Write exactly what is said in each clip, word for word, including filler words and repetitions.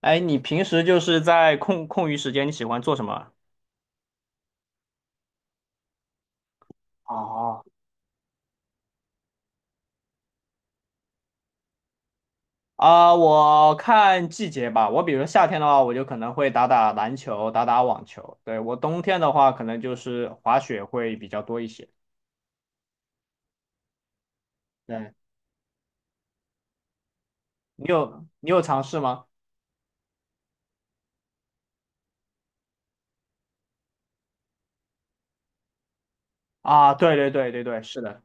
哎，你平时就是在空空余时间，你喜欢做什么啊？哦，啊我看季节吧。我比如夏天的话，我就可能会打打篮球，打打网球。对，我冬天的话，可能就是滑雪会比较多一些。对，你有你有尝试吗？啊，对对对对对，是的，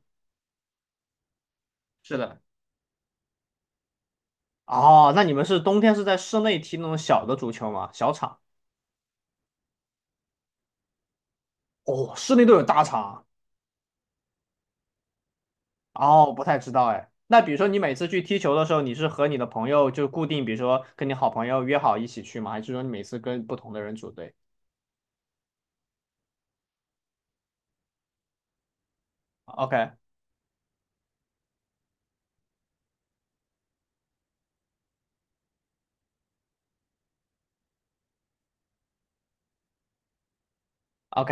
是的。哦，那你们是冬天是在室内踢那种小的足球吗？小场？哦，室内都有大场哦，不太知道哎。那比如说你每次去踢球的时候，你是和你的朋友就固定，比如说跟你好朋友约好一起去吗？还是说你每次跟不同的人组队？OK OK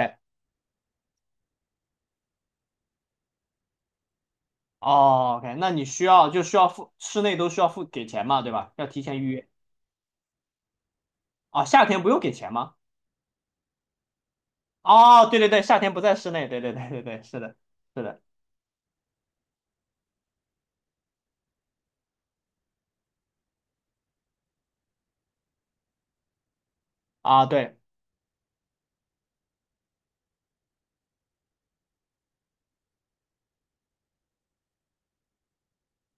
哦 OK，那你需要就需要付室内都需要付给钱嘛，对吧？要提前预约。啊？夏天不用给钱吗？哦，对对对，夏天不在室内，对对对对对，是的，是的啊，对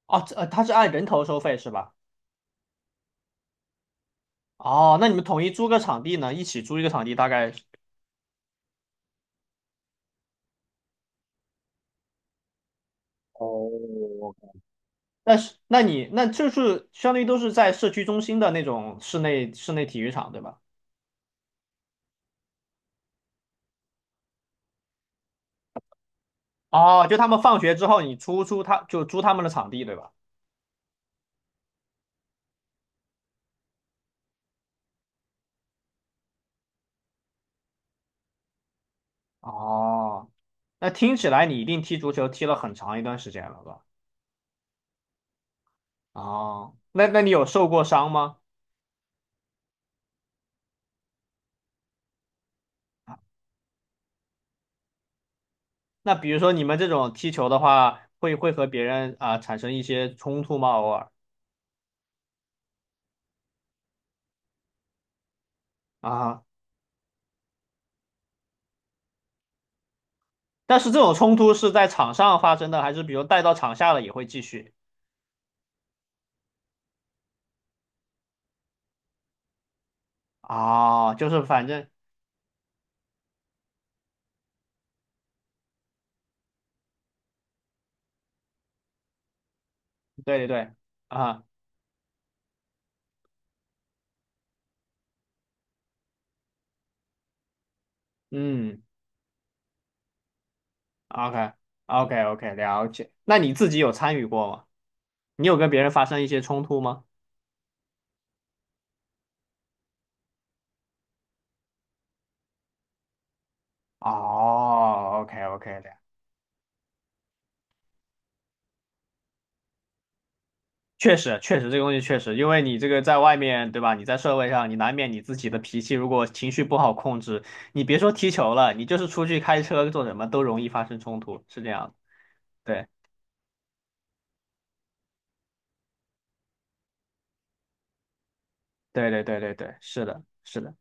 哦，这呃，它是按人头收费是吧？哦，那你们统一租个场地呢？一起租一个场地大概哦，但是那你那就是相当于都是在社区中心的那种室内室内体育场，对吧？哦，就他们放学之后，你出租他就租他们的场地，对吧？哦，那听起来你一定踢足球踢了很长一段时间了吧？哦，那那你有受过伤吗？那比如说你们这种踢球的话，会会和别人啊、产生一些冲突吗？偶尔啊，但是这种冲突是在场上发生的，还是比如带到场下了也会继续？啊，就是反正对对对。啊、嗯，OK OK OK，了解。那你自己有参与过吗？你有跟别人发生一些冲突吗？哦，OK OK 的，确实确实这个东西确实，因为你这个在外面对吧？你在社会上，你难免你自己的脾气如果情绪不好控制，你别说踢球了，你就是出去开车做什么都容易发生冲突，是这样的。对对对对对对，是的，是的。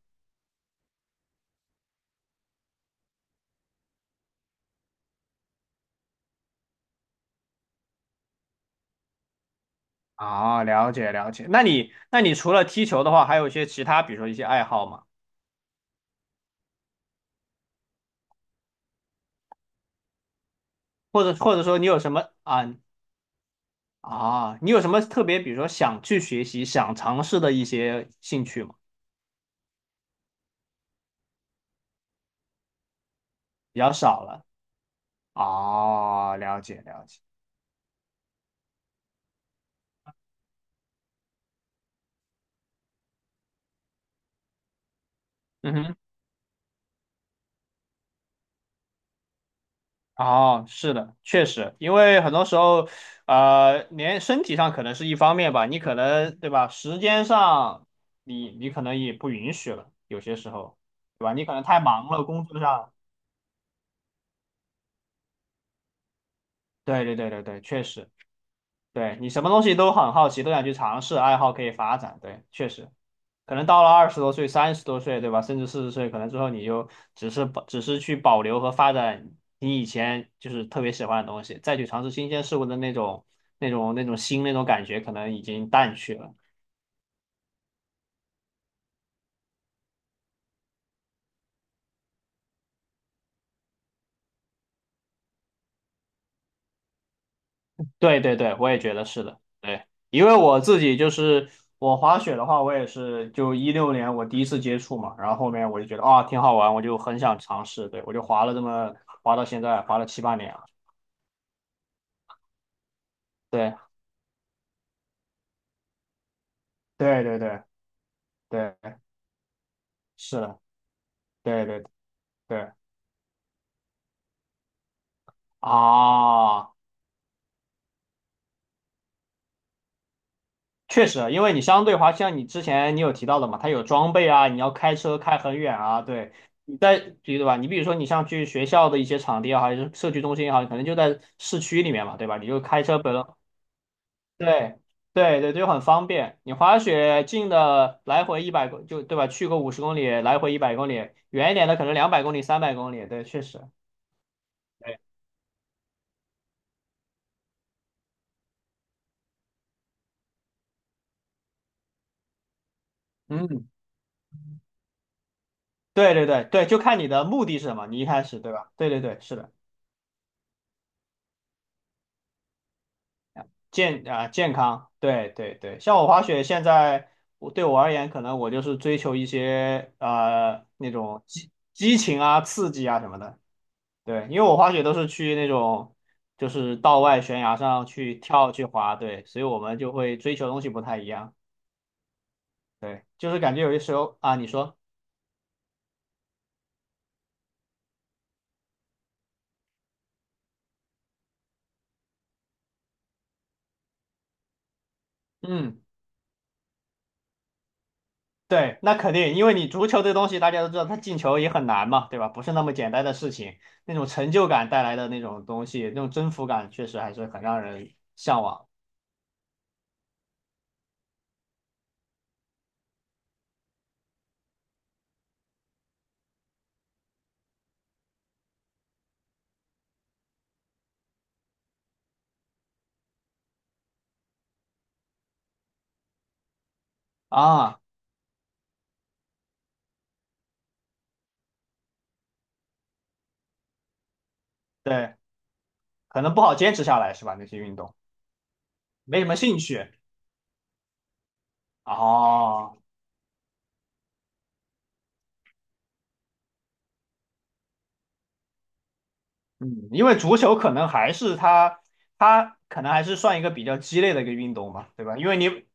啊，了解了解。那你那你除了踢球的话，还有一些其他，比如说一些爱好吗？或者或者说你有什么啊？啊，你有什么特别，比如说想去学习、想尝试的一些兴趣吗？比较少了。哦，了解了解。嗯哼，哦，是的，确实，因为很多时候，呃，连身体上可能是一方面吧，你可能对吧，时间上你你可能也不允许了，有些时候，对吧？你可能太忙了，工作上。对对对对对，确实。对你什么东西都很好奇，都想去尝试，爱好可以发展。对，确实，可能到了二十多岁、三十多岁，对吧？甚至四十岁，可能之后你就只是保，只是去保留和发展你以前就是特别喜欢的东西，再去尝试新鲜事物的那种、那种、那种新那种感觉，可能已经淡去了。对对对，我也觉得是的，对，因为我自己就是我滑雪的话，我也是就一六年我第一次接触嘛，然后后面我就觉得啊挺好玩，我就很想尝试，对，我就滑了这么滑到现在，滑了七八年了，对对对对对，是的，对对对啊。确实，因为你相对滑，像你之前你有提到的嘛，它有装备啊，你要开车开很远啊，对，你在对吧？你比如说你像去学校的一些场地也好，还是社区中心也好，你可能就在市区里面嘛，对吧？你就开车本，对对对，就很方便。你滑雪近的来回一百公就对吧？去个五十公里，来回一百公里，远一点的可能两百公里、三百公里，对，确实。对，嗯，对对对对，就看你的目的是什么，你一开始对吧？对对对，是的。健啊健康，对对对，像我滑雪现在我对我而言，可能我就是追求一些呃那种激激情啊、刺激啊什么的。对，因为我滑雪都是去那种就是道外悬崖上去跳去滑，对，所以我们就会追求东西不太一样。对，就是感觉有些时候啊，你说，嗯。对，那肯定，因为你足球这东西大家都知道，它进球也很难嘛，对吧？不是那么简单的事情，那种成就感带来的那种东西，那种征服感，确实还是很让人向往啊。对，可能不好坚持下来，是吧？那些运动没什么兴趣哦。嗯，因为足球可能还是它，它可能还是算一个比较鸡肋的一个运动嘛，对吧？因为你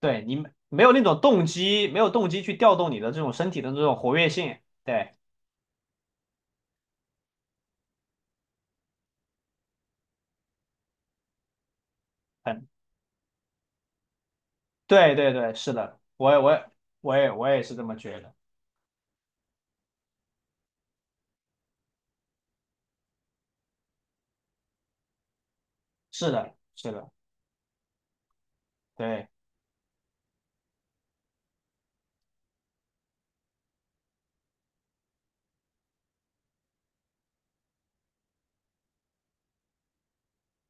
对你没有那种动机，没有动机去调动你的这种身体的这种活跃性，对。很对对对，是的，我也我也我也我也是这么觉得。是的，是的，对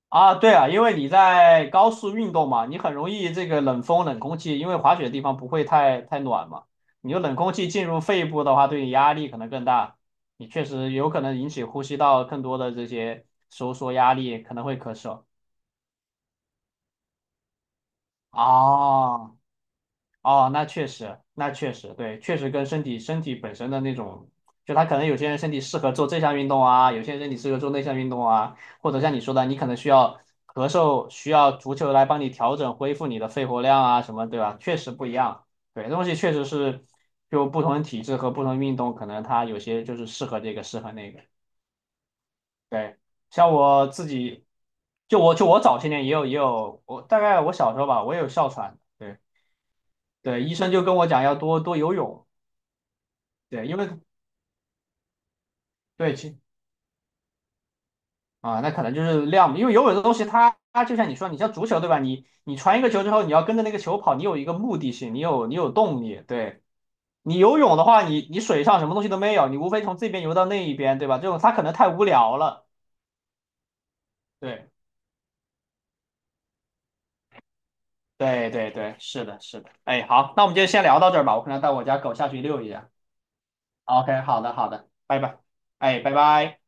啊，对啊，因为你在高速运动嘛，你很容易这个冷风、冷空气，因为滑雪的地方不会太太暖嘛，你就冷空气进入肺部的话，对你压力可能更大，你确实有可能引起呼吸道更多的这些收缩压力，可能会咳嗽啊。哦，那确实，那确实，对，确实跟身体身体本身的那种，就他可能有些人身体适合做这项运动啊，有些人身体适合做那项运动啊，或者像你说的，你可能需要咳嗽，需要足球来帮你调整恢复你的肺活量啊什么，对吧？确实不一样，对，这东西确实是就不同的体质和不同的运动，可能他有些就是适合这个，适合那个。对，像我自己，就我就我早些年也有也有，我大概我小时候吧，我也有哮喘。对。对，医生就跟我讲要多多游泳，对，因为对其啊，那可能就是量，因为游泳这东西它，它就像你说，你像足球对吧？你你传一个球之后，你要跟着那个球跑，你有一个目的性，你有你有动力。对你游泳的话，你你水上什么东西都没有，你无非从这边游到那一边，对吧？这种它可能太无聊了。对对对对，是的，是的。哎，好，那我们就先聊到这儿吧，我可能带我家狗下去遛一下。OK，好的好的，拜拜。哎，拜拜。